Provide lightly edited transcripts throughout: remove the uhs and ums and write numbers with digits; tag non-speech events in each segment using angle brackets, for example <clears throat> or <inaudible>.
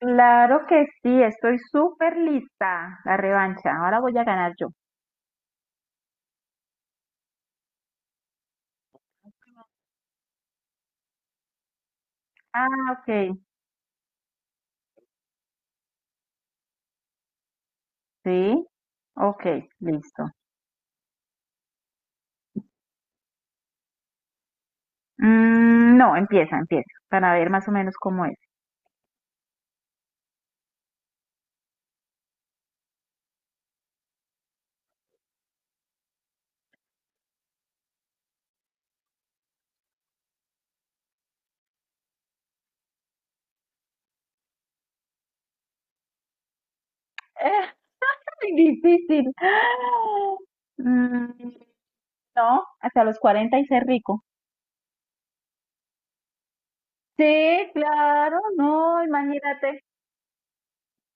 Claro que sí, estoy súper lista. La revancha. Ahora voy a ganar yo. Ah, ok. Sí. Ok, listo. No, empieza. Para ver más o menos cómo es. <laughs> Muy difícil. Mm, no, hasta los 40 y ser rico. Sí, claro, no, imagínate.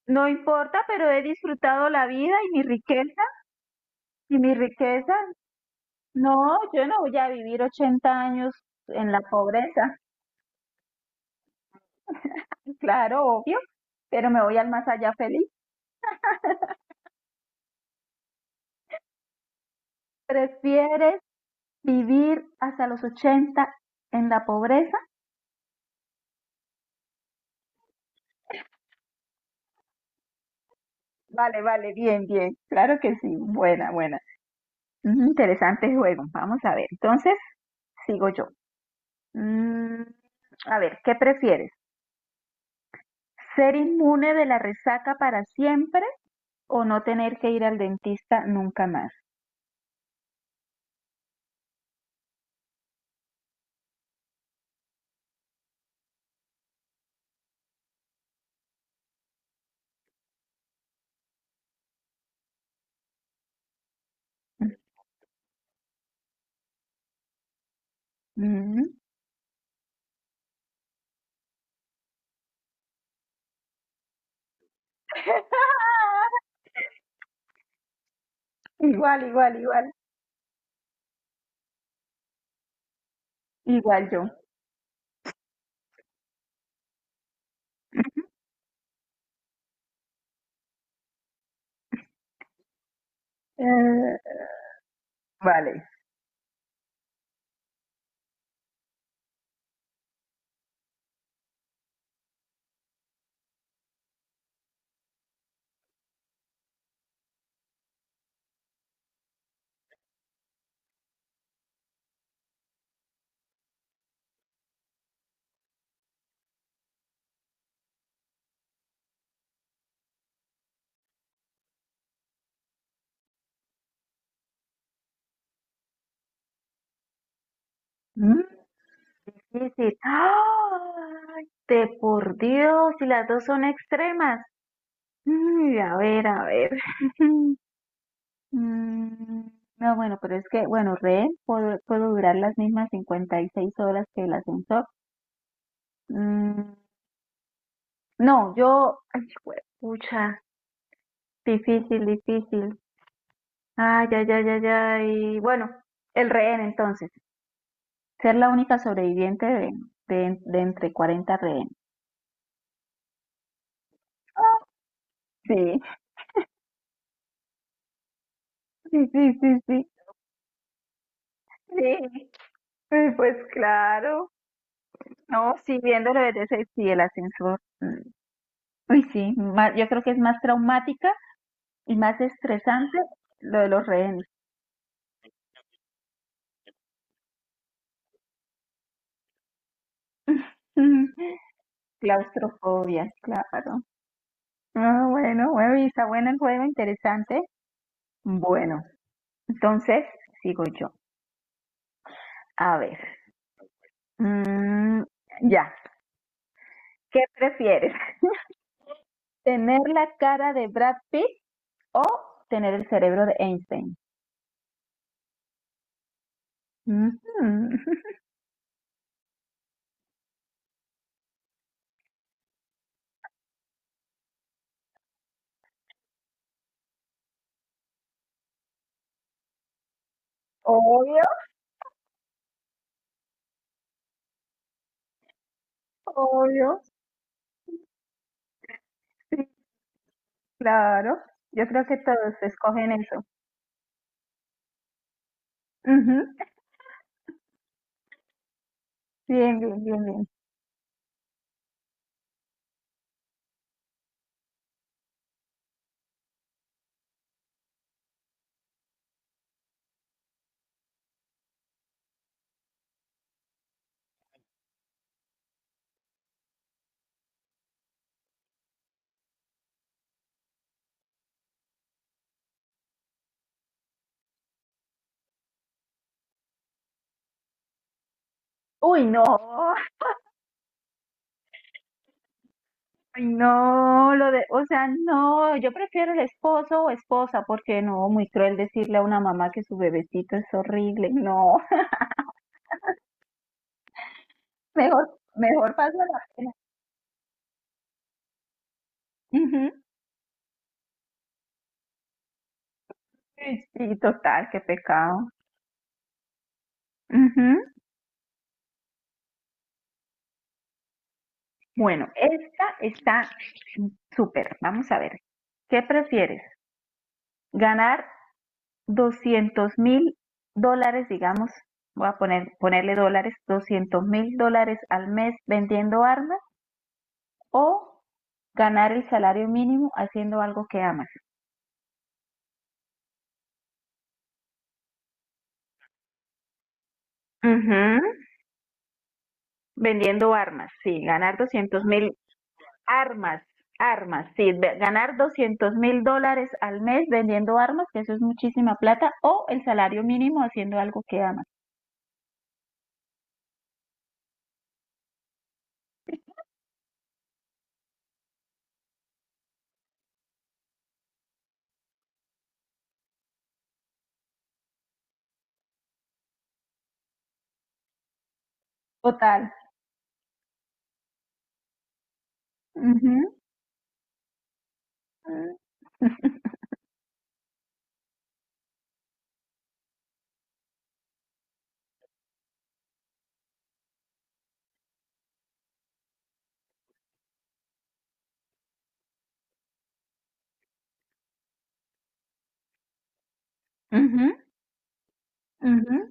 No importa, pero he disfrutado la vida y mi riqueza, y mi riqueza No, yo no voy a vivir 80 años en la pobreza. <laughs> Claro, obvio, pero me voy al más allá feliz. ¿Prefieres vivir hasta los 80 en la pobreza? Vale, vale, bien, bien, claro que sí, buena, buena. Interesante juego, vamos a ver. Entonces, sigo yo. Mm, a ver, ¿qué prefieres? ¿Ser inmune de la resaca para siempre o no tener que ir al dentista nunca más? Mm. <laughs> Igual, igual, igual. Igual yo. Eh, Vale. ¿Mm? Y si, ¡ay! De por Dios, y las dos son extremas. Uy, a ver, a ver. <laughs> Mm, no, bueno, pero es que, bueno, rehén, puedo durar las mismas 56 horas que el ascensor. Mm, no, yo, ay, pucha, difícil, difícil. Ay, ay, ay, ay, ay. Bueno, el rehén entonces. Ser la única sobreviviente de entre 40 rehenes. Sí, sí, sí, sí, sí, sí. Pues claro. No, sí, viéndolo desde ese, sí, el ascensor. Uy, sí, yo creo que es más traumática y más estresante lo de los rehenes. <laughs> Claustrofobia, claro. Ah, bueno, bueno, y está bueno el juego, interesante. Bueno, entonces sigo yo. A ver, mm, ya, ¿qué prefieres? ¿Tener la cara de Brad Pitt o tener el cerebro de Einstein? Ujú. Obvio, obvio. Sí, claro. Yo creo que todos escogen eso. Ujú. Bien, bien, bien, bien. Uy, no. Ay, no, lo de, o sea, no, yo prefiero el esposo o esposa, porque no, muy cruel decirle a una mamá que su bebecito es horrible. No, <laughs> mejor, mejor paso la pena. Ujú. Sí, sí, total, qué pecado. Bueno, esta está súper. Vamos a ver. ¿Qué prefieres? ¿Ganar $200.000, digamos? Voy a ponerle dólares, $200.000 al mes vendiendo armas o ganar el salario mínimo haciendo algo que amas. Ujú. Vendiendo armas, sí, ganar 200.000 armas, armas, sí, ganar $200.000 al mes vendiendo armas, que eso es muchísima plata, o el salario mínimo haciendo algo que amas. Total. Ujú, mm, ujú, ujú.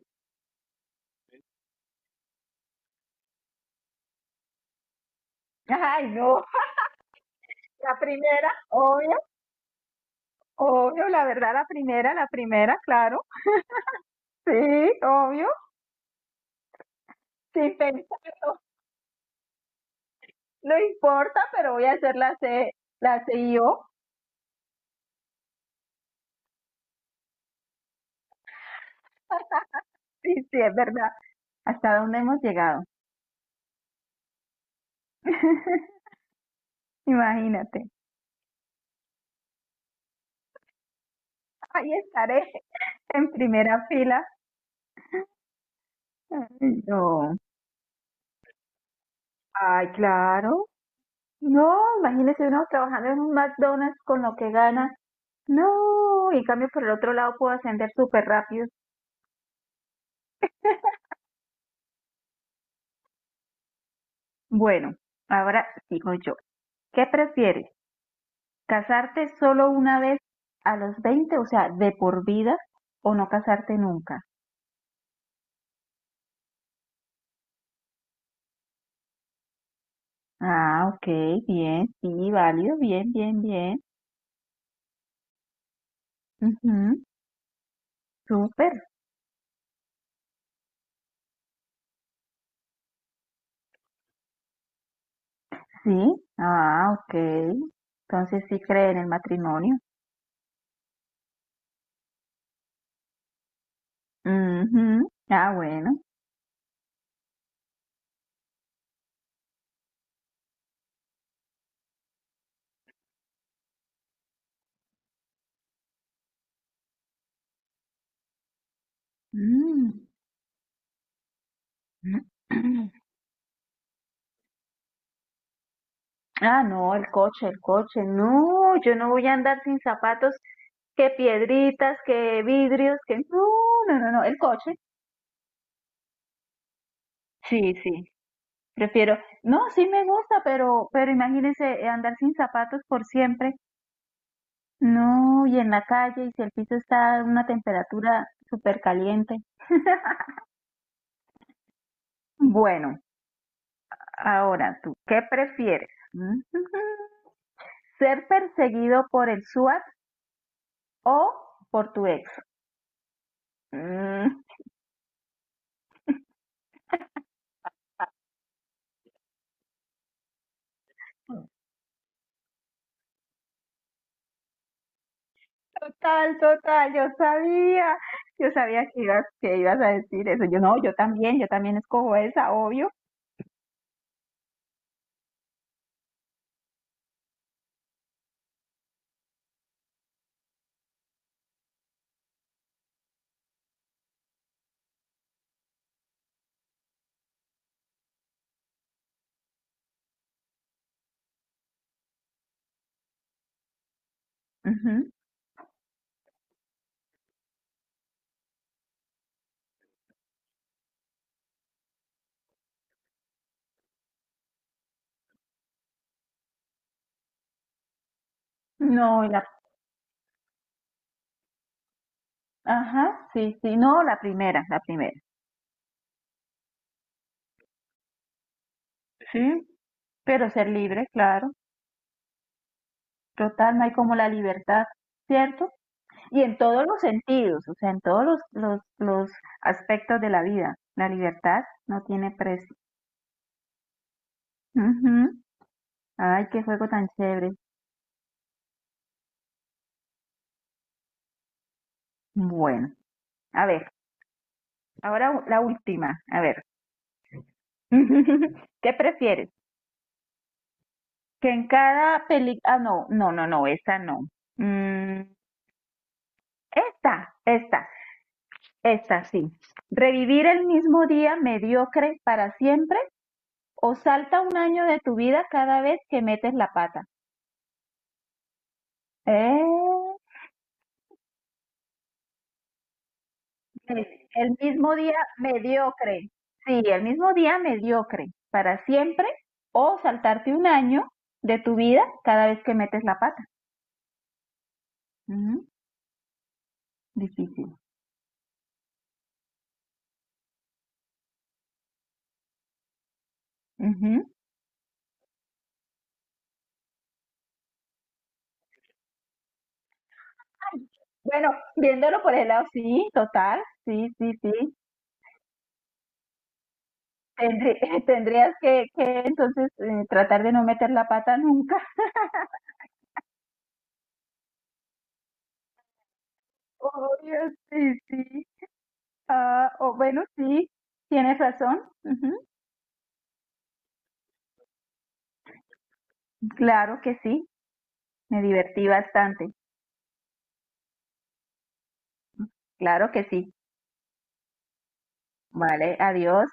Ay, no, <laughs> la primera, obvio, obvio, la verdad, la primera, claro, sí, obvio, sin pensarlo, no importa, pero voy a hacer la C, la CIO, sí, sí, es verdad, hasta dónde hemos llegado. <laughs> Imagínate, ahí estaré en primera fila. Ay, no, ay, claro, no, imagínese uno trabajando en un McDonald's con lo que gana. No, en cambio por el otro lado puedo ascender súper rápido. Bueno, ahora sigo yo. ¿Qué prefieres? ¿Casarte solo una vez a los 20, o sea, de por vida, o no casarte nunca? Ah, ok, bien, sí, válido, bien, bien, bien. Ujú, súper, sí. Ah, ok. Entonces sí cree en el matrimonio. Ujú. Ah, bueno. Mm. <clears throat> Ah, no, el coche, el coche. No, yo no voy a andar sin zapatos, que piedritas, que vidrios, que... No, no, no, no, el coche. Sí, sí, prefiero. No, sí me gusta, pero, imagínense andar sin zapatos por siempre. No, y en la calle, y si el piso está a una temperatura súper caliente. Bueno, ahora tú, ¿qué prefieres? Mm, <laughs> ¿Ser perseguido por el SWAT o por tu ex? Mm. Total, total, yo sabía que ibas a decir eso. Yo no, yo también escojo esa, obvio. Ujú. No, ajá, sí, sí, no, la primera, la primera. Sí, pero ser libre, claro. Total, no hay como la libertad, ¿cierto? Y en todos los sentidos, o sea, en todos los aspectos de la vida, la libertad no tiene precio. Ujú. Ay, qué juego tan chévere. Bueno, a ver, ahora la última, a ver. <laughs> ¿Qué prefieres? Que en cada película... Ah, no, no, no, no, esa no. Mm, esta, esta, esta sí. ¿Revivir el mismo día mediocre para siempre o salta un año de tu vida cada vez que metes la pata? Eh, el el mismo día mediocre. Sí, el mismo día mediocre para siempre o saltarte un año de tu vida cada vez que metes la pata. Ujú, difícil. Bueno, viéndolo por el lado, sí, total, sí, sí, sí. Tendrí- <laughs> tendrías que entonces tratar de no meter la pata nunca. <laughs> Obvio, sí, sí. Ah, o bueno, sí, tienes razón. Ujú, claro que sí, me divertí bastante. Claro que sí. Vale, adiós.